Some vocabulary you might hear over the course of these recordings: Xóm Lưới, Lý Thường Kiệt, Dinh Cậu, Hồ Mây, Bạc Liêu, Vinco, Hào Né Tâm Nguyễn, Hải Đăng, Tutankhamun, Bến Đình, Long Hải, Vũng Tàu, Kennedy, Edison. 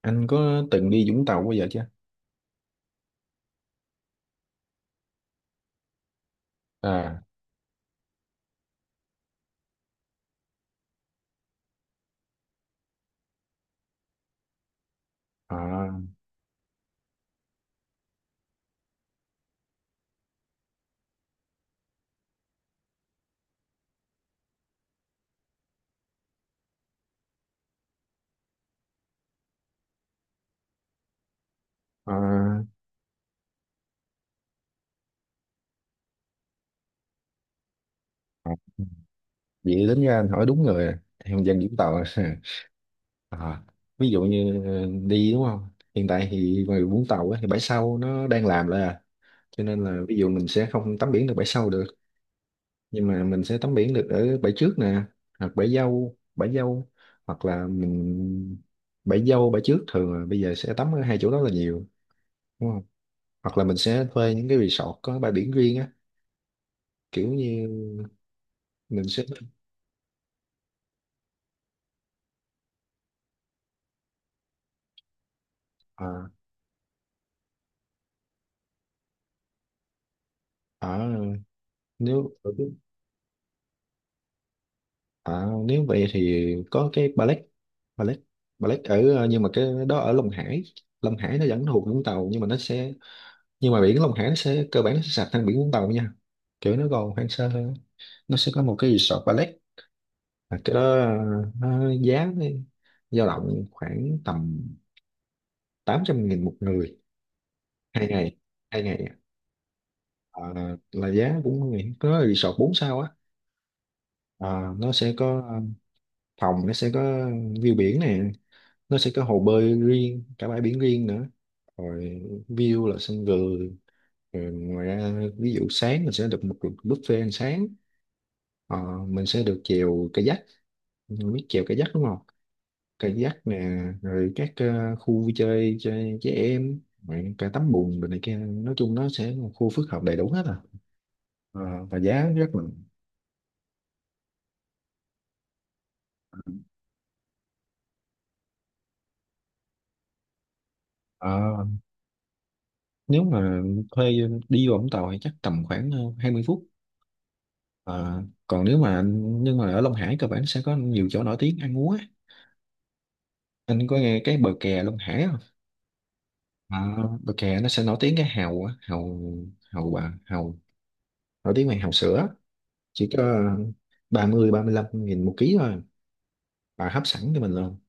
Anh có từng đi Vũng Tàu bao giờ chưa? À, à, à, à. Vậy đến ra anh hỏi đúng người à. Em dân Vũng Tàu à. À, ví dụ như đi đúng không? Hiện tại thì ngoài Vũng Tàu á, thì bãi sau nó đang làm lại à. Cho nên là ví dụ mình sẽ không tắm biển được bãi sau được. Nhưng mà mình sẽ tắm biển được ở bãi trước nè. Hoặc bãi dâu, bãi dâu. Hoặc là mình bãi dâu, bãi trước thường là bây giờ sẽ tắm ở hai chỗ đó là nhiều. Đúng không? Hoặc là mình sẽ thuê những cái resort có bãi biển riêng á. Kiểu như mình sẽ à, à nếu nếu vậy thì có cái ballet ballet ballet ở nhưng mà cái đó ở Long Hải. Long Hải nó vẫn thuộc Vũng Tàu nhưng mà nó sẽ nhưng mà biển Long Hải nó sẽ cơ bản nó sẽ sạch hơn biển Vũng Tàu nha, kiểu nó còn hoang sơ hơn. Nó sẽ có một cái resort ballet. Mà cái đó nó giá nó dao động khoảng tầm 800.000 một người, 2 ngày 2 ngày. À, là giá cũng có có resort 4 sao á. À, nó sẽ có phòng, nó sẽ có view biển nè, nó sẽ có hồ bơi riêng cả bãi biển riêng nữa, rồi view là sân vườn, rồi ngoài ra ví dụ sáng mình sẽ được một cuộc buffet ăn sáng. Ờ, mình sẽ được chèo kayak, mình biết chèo kayak đúng không, kayak nè rồi các khu vui chơi cho trẻ em, rồi cả tắm bùn rồi này kia, nói chung nó sẽ là một khu phức hợp đầy đủ hết à. Ờ, và giá rất là ờ, nếu mà thuê đi vào Vũng Tàu thì chắc tầm khoảng 20 phút. Ờ, còn nếu mà anh nhưng mà ở Long Hải cơ bản sẽ có nhiều chỗ nổi tiếng ăn uống á. Anh có nghe cái bờ kè Long Hải không? Ờ, bờ kè nó sẽ nổi tiếng cái hàu á, hàu, hàu bà hàu, nổi tiếng về hàu sữa, chỉ có ba ba mươi 35.000 một ký thôi, bà hấp sẵn cho mình luôn.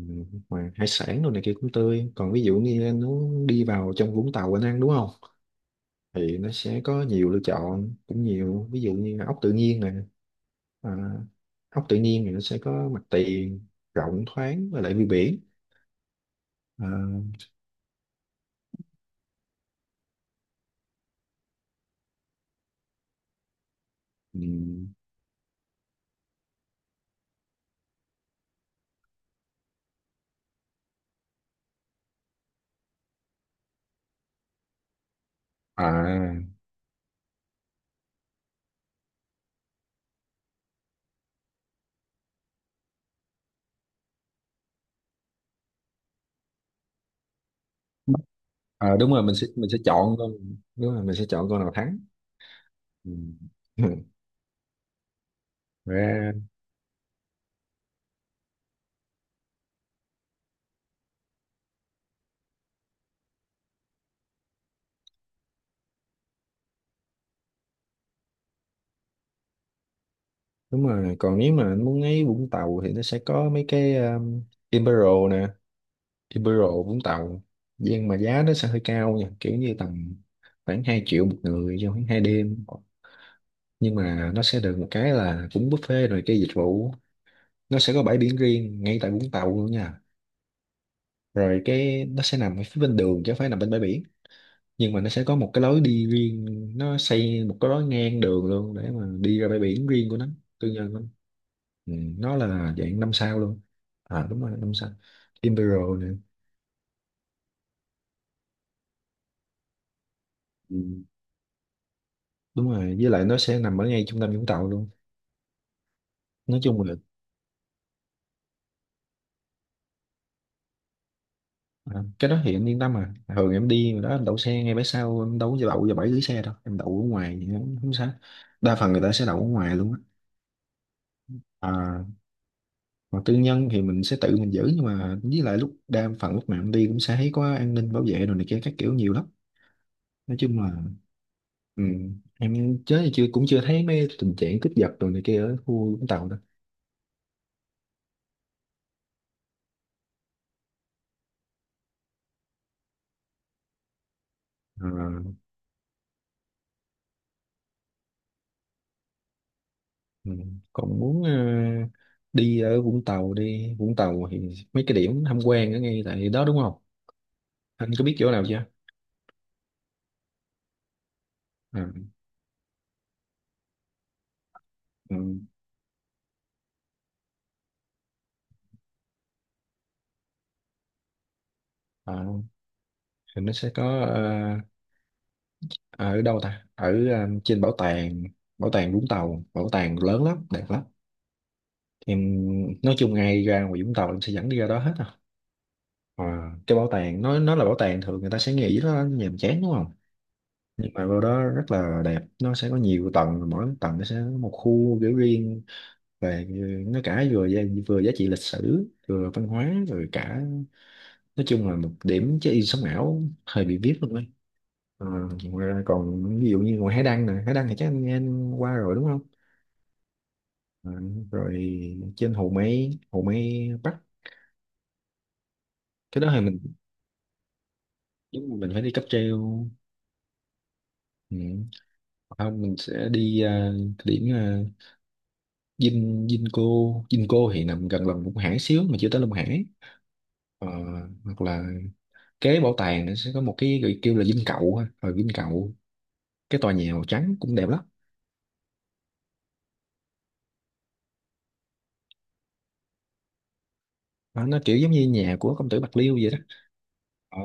Ừ, mà hải sản đồ này kia cũng tươi. Còn ví dụ như anh muốn đi vào trong Vũng Tàu anh ăn đúng không, thì nó sẽ có nhiều lựa chọn cũng nhiều, ví dụ như là ốc tự nhiên nè. À, ốc tự nhiên thì nó sẽ có mặt tiền rộng thoáng với lại view biển. À, ừm, à, à, đúng rồi mình sẽ chọn thôi. Đúng rồi mình sẽ chọn con nào thắng. Ừm. Ra, đúng rồi, còn nếu mà muốn ấy Vũng Tàu thì nó sẽ có mấy cái Imperial nè, Imperial Vũng Tàu, nhưng mà giá nó sẽ hơi cao nha, kiểu như tầm khoảng 2 triệu một người trong khoảng 2 đêm, nhưng mà nó sẽ được một cái là cũng buffet rồi cái dịch vụ, nó sẽ có bãi biển riêng ngay tại Vũng Tàu luôn nha, rồi cái nó sẽ nằm ở phía bên đường chứ không phải nằm bên bãi biển, nhưng mà nó sẽ có một cái lối đi riêng, nó xây một cái lối ngang đường luôn để mà đi ra bãi biển riêng của nó, tư nhân lắm. Ừ, nó là dạng năm sao luôn, à đúng rồi năm sao, Imperial nè. Ừ, đúng rồi với lại nó sẽ nằm ở ngay trung tâm Vũng Tàu luôn, nói chung là... À, cái đó thì anh yên tâm à, thường em đi đó em đậu xe ngay bãi sau, em đâu có đậu vào bãi dưới xe đâu, em đậu ở ngoài thì không, không sao. Đa phần người ta sẽ đậu ở ngoài luôn á. À, còn tư nhân thì mình sẽ tự mình giữ, nhưng mà với lại lúc đa phần lúc nào em đi cũng sẽ thấy có an ninh bảo vệ rồi này kia các kiểu nhiều lắm, nói chung là... Ừ, em chớ chưa cũng chưa thấy mấy tình trạng cướp giật rồi này kia ở khu Vũng Tàu đâu. À, ừ. Còn muốn đi ở Vũng Tàu đi Vũng Tàu thì mấy cái điểm tham quan ở ngay tại đó đúng không, anh có biết chỗ nào chưa? Ừ, ừ, ờ, thì nó sẽ có à, ở đâu ta ở trên bảo tàng, bảo tàng Vũng Tàu, bảo tàng lớn lắm đẹp lắm, thì nói chung ngay ra ngoài Vũng Tàu em sẽ dẫn đi ra đó hết à. Ờ, cái bảo tàng nó là bảo tàng, thường người ta sẽ nghĩ nó nhàm chán đúng không, nhưng mà vào đó rất là đẹp, nó sẽ có nhiều tầng, mỗi tầng nó sẽ có một khu kiểu riêng về nó cả vừa vừa giá trị lịch sử vừa văn hóa rồi cả, nói chung là một điểm check-in sống ảo hơi bị vip luôn á. Ờ, ngoài ra còn ví dụ như ngoài Hải Đăng nè, Hải Đăng thì chắc anh qua rồi đúng không. Ờ, rồi trên Hồ Mây, Hồ Mây Bắc, cái đó thì mình đúng là mình phải đi cáp treo. Ừ. Không, mình sẽ đi à, cái điểm Vin Vinco, Vinco thì nằm gần lòng Long Hải xíu mà chưa tới Long Hải. Ờ, hoặc là kế bảo tàng nó sẽ có một cái gọi kêu là Dinh Cậu ha. Rồi Dinh Cậu, cái tòa nhà màu trắng cũng đẹp lắm. Ờ, nó kiểu giống như nhà của công tử Bạc Liêu vậy đó. Ờ,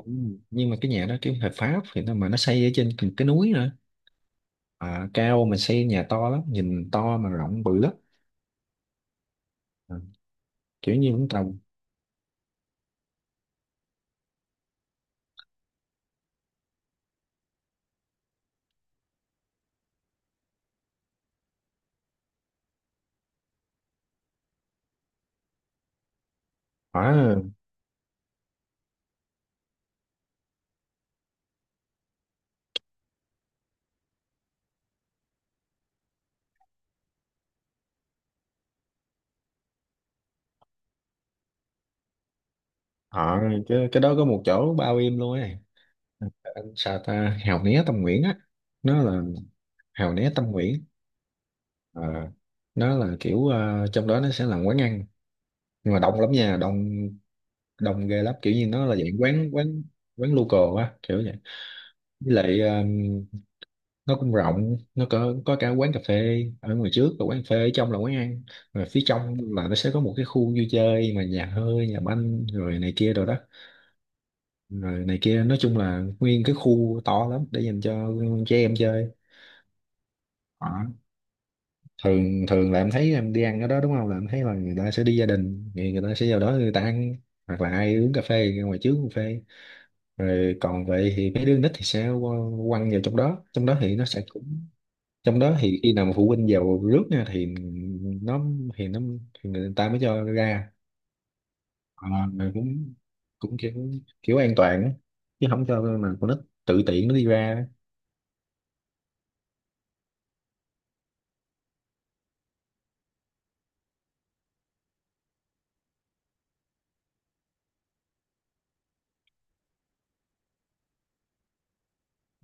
nhưng mà cái nhà đó kiểu hợp pháp thì nó mà nó xây ở trên cái núi nữa. À, cao mà xây nhà to lắm, nhìn to mà rộng bự lắm. À, kiểu như Vũng Tàu. À, họ cái đó có một chỗ bao im luôn ấy. Ờ, Anh sao ta Hào Né Tâm Nguyễn á, nó là Hào Né Tâm Nguyễn. À, nó là kiểu trong đó nó sẽ là quán ăn, nhưng mà đông lắm nha, đông, đông ghê lắm, kiểu như nó là dạng quán quán, quán local á kiểu vậy. Với lại nó cũng rộng, nó có cả quán cà phê ở ngoài trước và quán cà phê ở trong là quán ăn, rồi phía trong là nó sẽ có một cái khu vui chơi mà nhà hơi nhà banh rồi này kia rồi đó, rồi này kia nói chung là nguyên cái khu to lắm để dành cho trẻ em chơi. Đó. Thường thường là em thấy em đi ăn ở đó đúng không, là em thấy là người ta sẽ đi gia đình thì người ta sẽ vào đó người ta ăn, hoặc là ai uống cà phê thì ra ngoài trước uống cà phê, rồi còn vậy thì mấy đứa nít thì sẽ quăng vào trong đó, trong đó thì nó sẽ cũng, trong đó thì khi nào mà phụ huynh vào rước nha thì nó thì nó thì người ta mới cho ra. Ờ, mà cũng cũng kiểu, kiểu an toàn á, chứ không cho mà con nít tự tiện nó đi ra.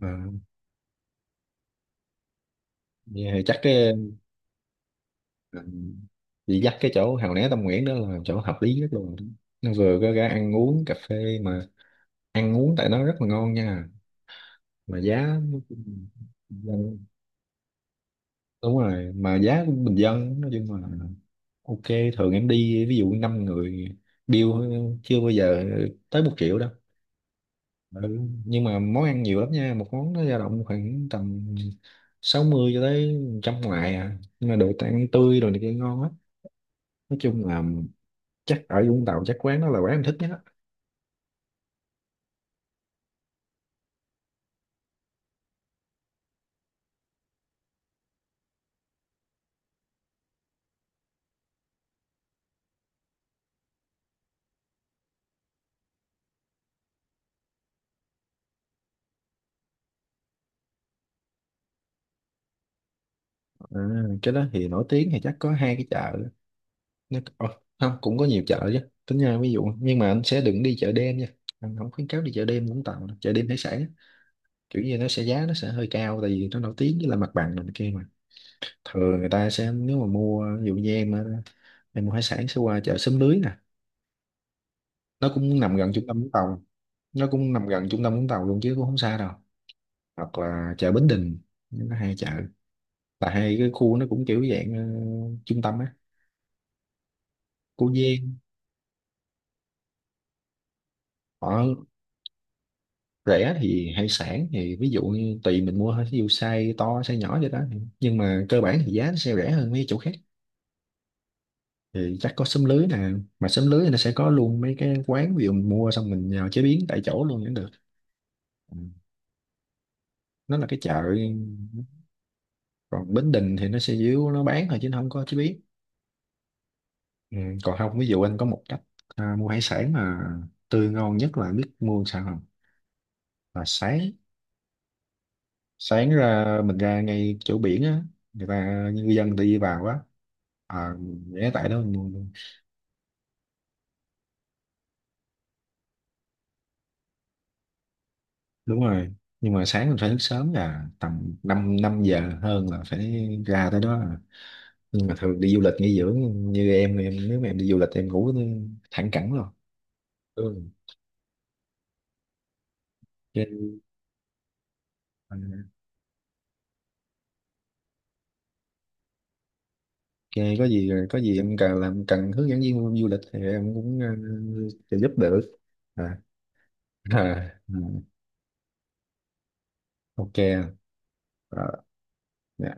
Ờ, vậy thì chắc cái chị dắt cái chỗ Hào Né Tâm Nguyễn đó là chỗ hợp lý nhất luôn, nó vừa có ra ăn uống cà phê mà ăn uống tại nó rất là ngon nha, mà giá nó cũng đúng rồi mà giá cũng bình dân, nói chung là ok. Thường em đi ví dụ năm người, bill chưa bao giờ tới 1 triệu đâu. Ừ. Nhưng mà món ăn nhiều lắm nha, một món nó dao động khoảng tầm 60 cho tới trăm ngoài à, nhưng mà đồ ăn tươi rồi này kia ngon á, nói chung là chắc ở Vũng Tàu chắc quán đó là quán em thích nhất á. À, cái đó thì nổi tiếng thì chắc có hai cái chợ, nó không cũng có nhiều chợ chứ tính ra ví dụ, nhưng mà anh sẽ đừng đi chợ đêm nha, anh không khuyến cáo đi chợ đêm Vũng Tàu đâu. Chợ đêm hải sản kiểu như nó sẽ giá nó sẽ hơi cao tại vì nó nổi tiếng với là mặt bằng này kia mà. Thường người ta sẽ nếu mà mua ví dụ như em á, em mua hải sản sẽ qua chợ Xóm Lưới nè, nó cũng nằm gần trung tâm Vũng Tàu, nó cũng nằm gần trung tâm Vũng Tàu luôn chứ cũng không xa đâu. Hoặc là chợ Bến Đình, nó hai chợ là hai cái khu nó cũng kiểu dạng trung tâm á. Cô Giang họ rẻ thì hải sản thì ví dụ như tùy mình mua thôi ví dụ size to size nhỏ vậy đó, nhưng mà cơ bản thì giá nó sẽ rẻ hơn mấy chỗ khác. Thì chắc có xóm lưới nè, mà xóm lưới thì nó sẽ có luôn mấy cái quán ví dụ mình mua xong mình nhào chế biến tại chỗ luôn cũng được. Ừ. Nó là cái chợ, còn Bến Đình thì nó sẽ díu nó bán thôi chứ nó không có chế biến. Ừ. Còn không ví dụ anh có một cách à, mua hải sản mà tươi ngon nhất là biết mua sao không, là sáng, sáng ra mình ra ngay chỗ biển á, người ta người dân tự đi vào á. À, ghé tại đó mình mua. Đúng rồi, nhưng mà sáng mình phải thức sớm là tầm 5 năm giờ hơn là phải ra tới đó à. Nhưng mà thường đi du lịch nghỉ dưỡng như em nếu mà em đi du lịch em ngủ thẳng cẳng luôn. Ừ. Ok. Ok, có gì em cần làm cần hướng dẫn viên du lịch thì em cũng sẽ giúp được. À, à, ok. Ờ, dạ.